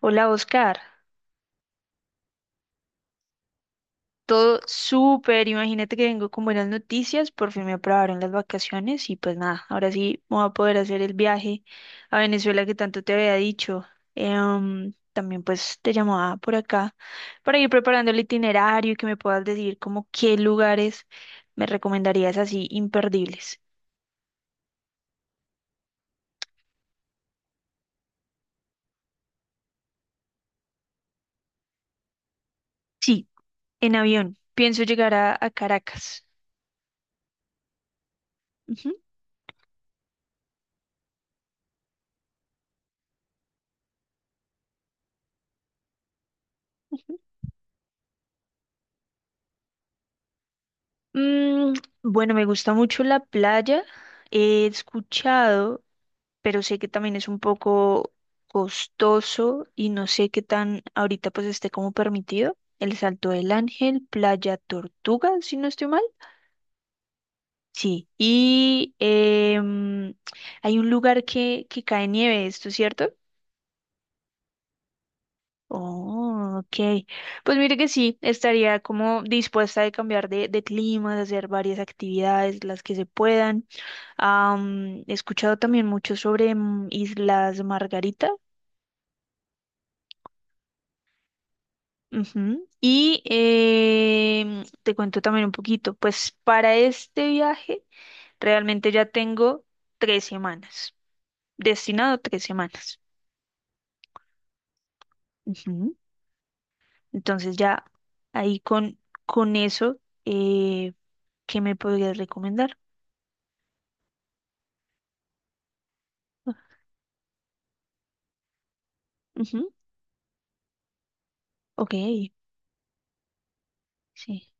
Hola Oscar, todo súper, imagínate que vengo con buenas noticias, por fin me aprobaron las vacaciones y pues nada, ahora sí me voy a poder hacer el viaje a Venezuela que tanto te había dicho. También pues te llamaba por acá para ir preparando el itinerario y que me puedas decir como qué lugares me recomendarías así imperdibles. Sí, en avión, pienso llegar a Caracas. Ujú, ujú. Mm, bueno, me gusta mucho la playa. He escuchado, pero sé que también es un poco costoso y no sé qué tan ahorita pues esté como permitido. El Salto del Ángel, Playa Tortuga, si no estoy mal. Sí, y hay un lugar que cae nieve, ¿esto es cierto? Oh, ok. Pues mire que sí, estaría como dispuesta a cambiar de clima, de hacer varias actividades, las que se puedan. He escuchado también mucho sobre Islas Margarita. Ujú. Y te cuento también un poquito, pues para este viaje realmente ya tengo tres semanas, destinado tres semanas. Ujú. Entonces ya ahí con eso, eh, ¿qué me podrías recomendar? Ujú. Ok, sí,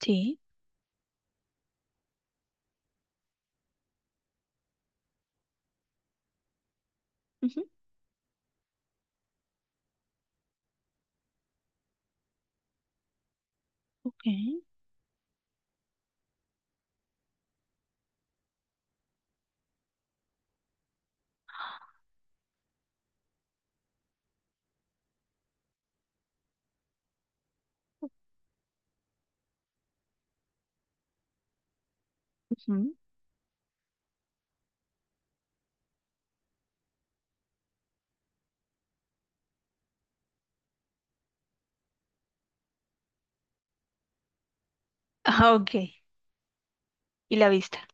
sí, ujú, ok, ujú. Ah, ok, y la vista.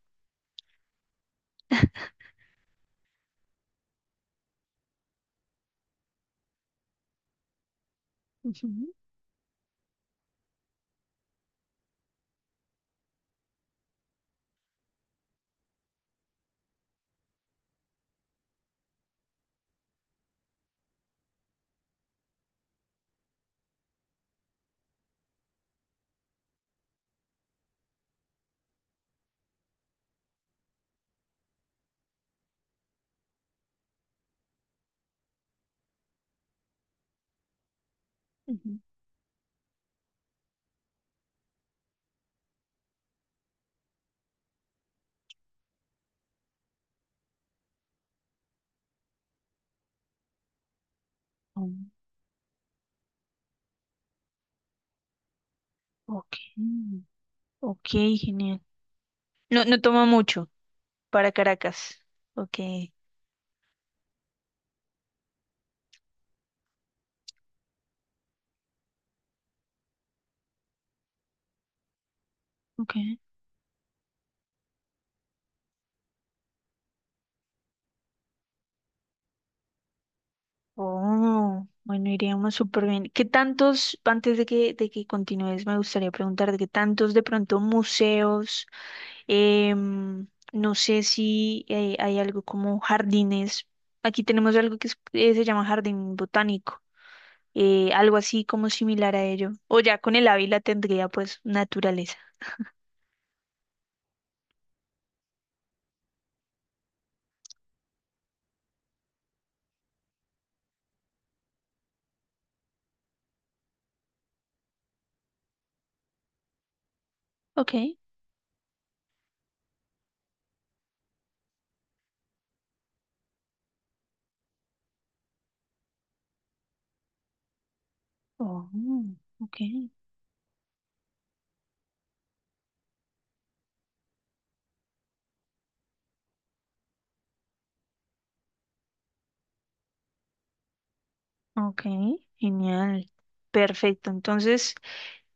Ujú, ujú. Oh, ok, ok, genial. No, no toma mucho. Para Caracas. Ok. Ok. Oh, bueno, iríamos súper bien. ¿Qué tantos, antes de que continúes, me gustaría preguntar de qué tantos de pronto museos, em, no sé si hay algo como jardines. Aquí tenemos algo que se llama jardín botánico, algo así como similar a ello. O ya con el Ávila tendría pues naturaleza. Ok. Oh, ok. Ok, genial. Perfecto. Entonces...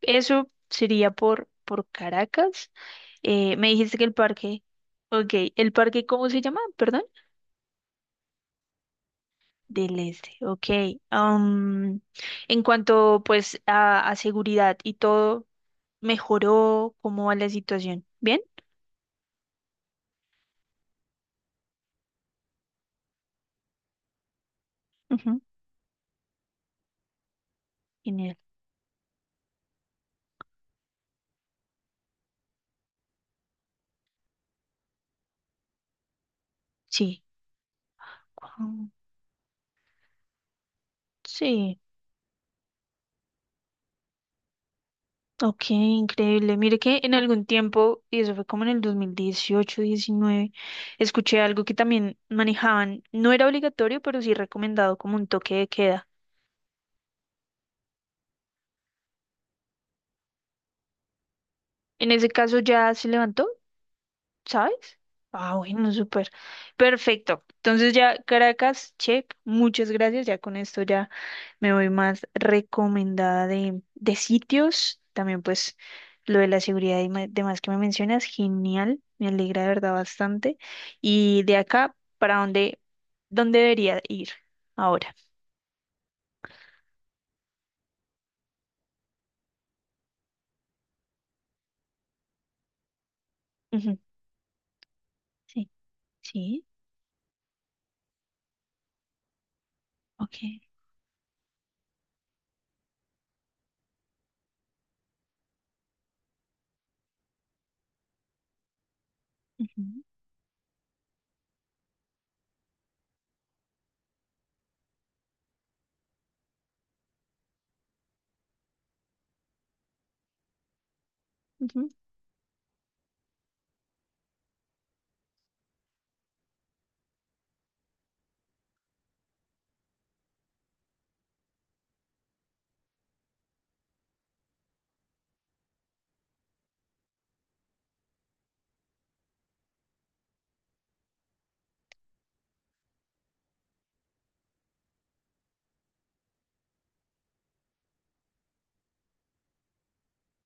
eso sería por Caracas. Me dijiste que el parque, ok, ¿el parque cómo se llama? Perdón. Del Este, ok. Am, en cuanto pues a seguridad y todo, ¿mejoró? ¿Cómo va la situación? ¿Bien? Ujú, genial. Sí. Guau, sí. Ok, increíble. Mire que en algún tiempo, y eso fue como en el 2018, 19, escuché algo que también manejaban. No era obligatorio, pero sí recomendado como un toque de queda. En ese caso ya se levantó, ¿sabes? Ah, bueno, súper. Perfecto. Entonces ya Caracas, check. Muchas gracias. Ya con esto ya me voy más recomendada de sitios. También pues lo de la seguridad y demás que me mencionas, genial. Me alegra de verdad bastante. Y de acá, ¿para dónde, dónde debería ir ahora? Ujú, sí, sí, ok. Ujú, ujú.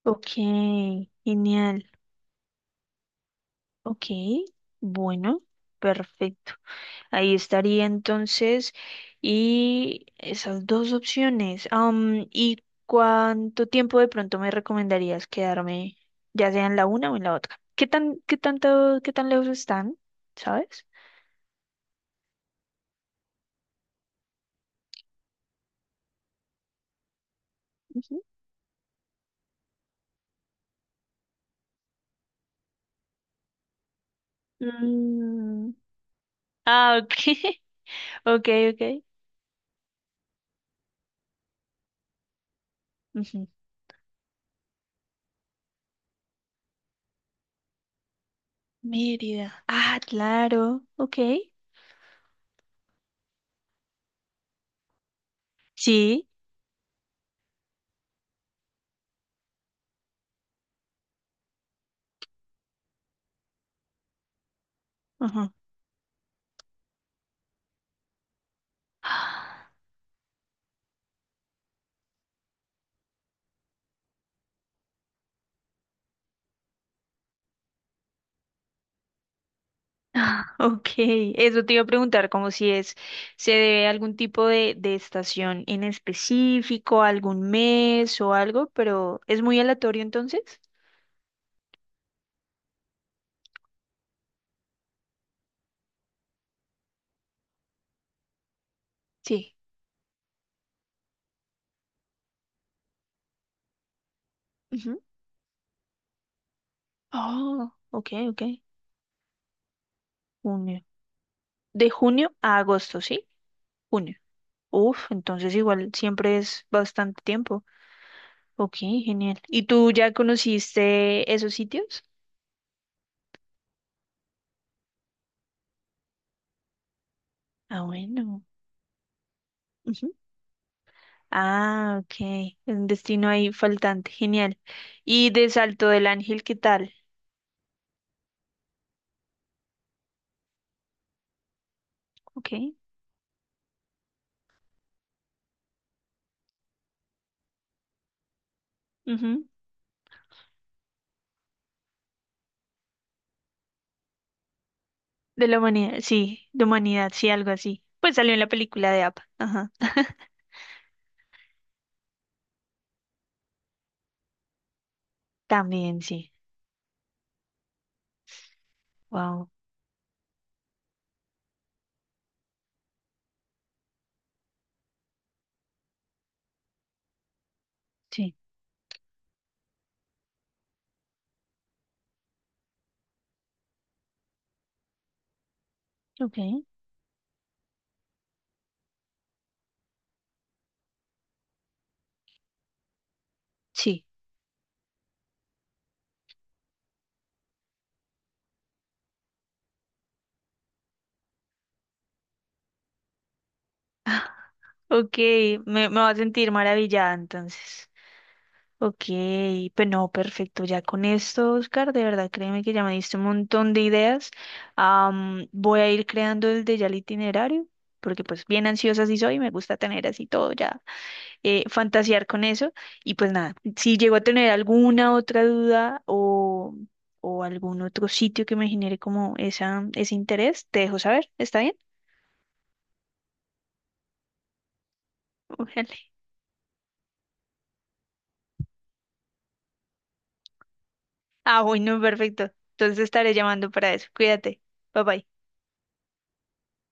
Ok, genial. Ok, bueno, perfecto. Ahí estaría entonces. Y esas dos opciones. ¿Y cuánto tiempo de pronto me recomendarías quedarme, ya sea en la una o en la otra? ¿Qué tan, qué tanto, qué tan lejos están? ¿Sabes? Ujú. Mm, Ah, ok, ok, ok. Ujú. Mérida. Ah, claro, ok. Sí. Ajá. Ah, ok, eso te iba a preguntar, como si es, se debe a algún tipo de estación en específico, algún mes o algo, pero ¿es muy aleatorio entonces? Sí. Ujú. Oh, ok, ok. Junio. De junio a agosto, ¿sí? Junio. Uf, entonces igual siempre es bastante tiempo. Ok, genial. ¿Y tú ya conociste esos sitios? Ah, bueno. Ah, ok. Es un destino ahí faltante. Genial. Y de Salto del Ángel, ¿qué tal? Ok. Ujú. De la humanidad, sí, de humanidad, sí, algo así. Pues salió en la película de APA. Ajá. También, sí. Wow. Sí. Ok. Sí. Ok, me voy a sentir maravillada entonces. Ok, pues no, perfecto. Ya con esto, Oscar, de verdad, créeme que ya me diste un montón de ideas. Voy a ir creando el de ya el itinerario, porque pues bien ansiosa sí soy, me gusta tener así todo ya, fantasear con eso. Y pues nada, si llego a tener alguna otra duda o algún otro sitio que me genere como esa, ese interés, te dejo saber, ¿está bien? Ujale. Ah, bueno, perfecto. Entonces estaré llamando para eso. Cuídate. Bye bye.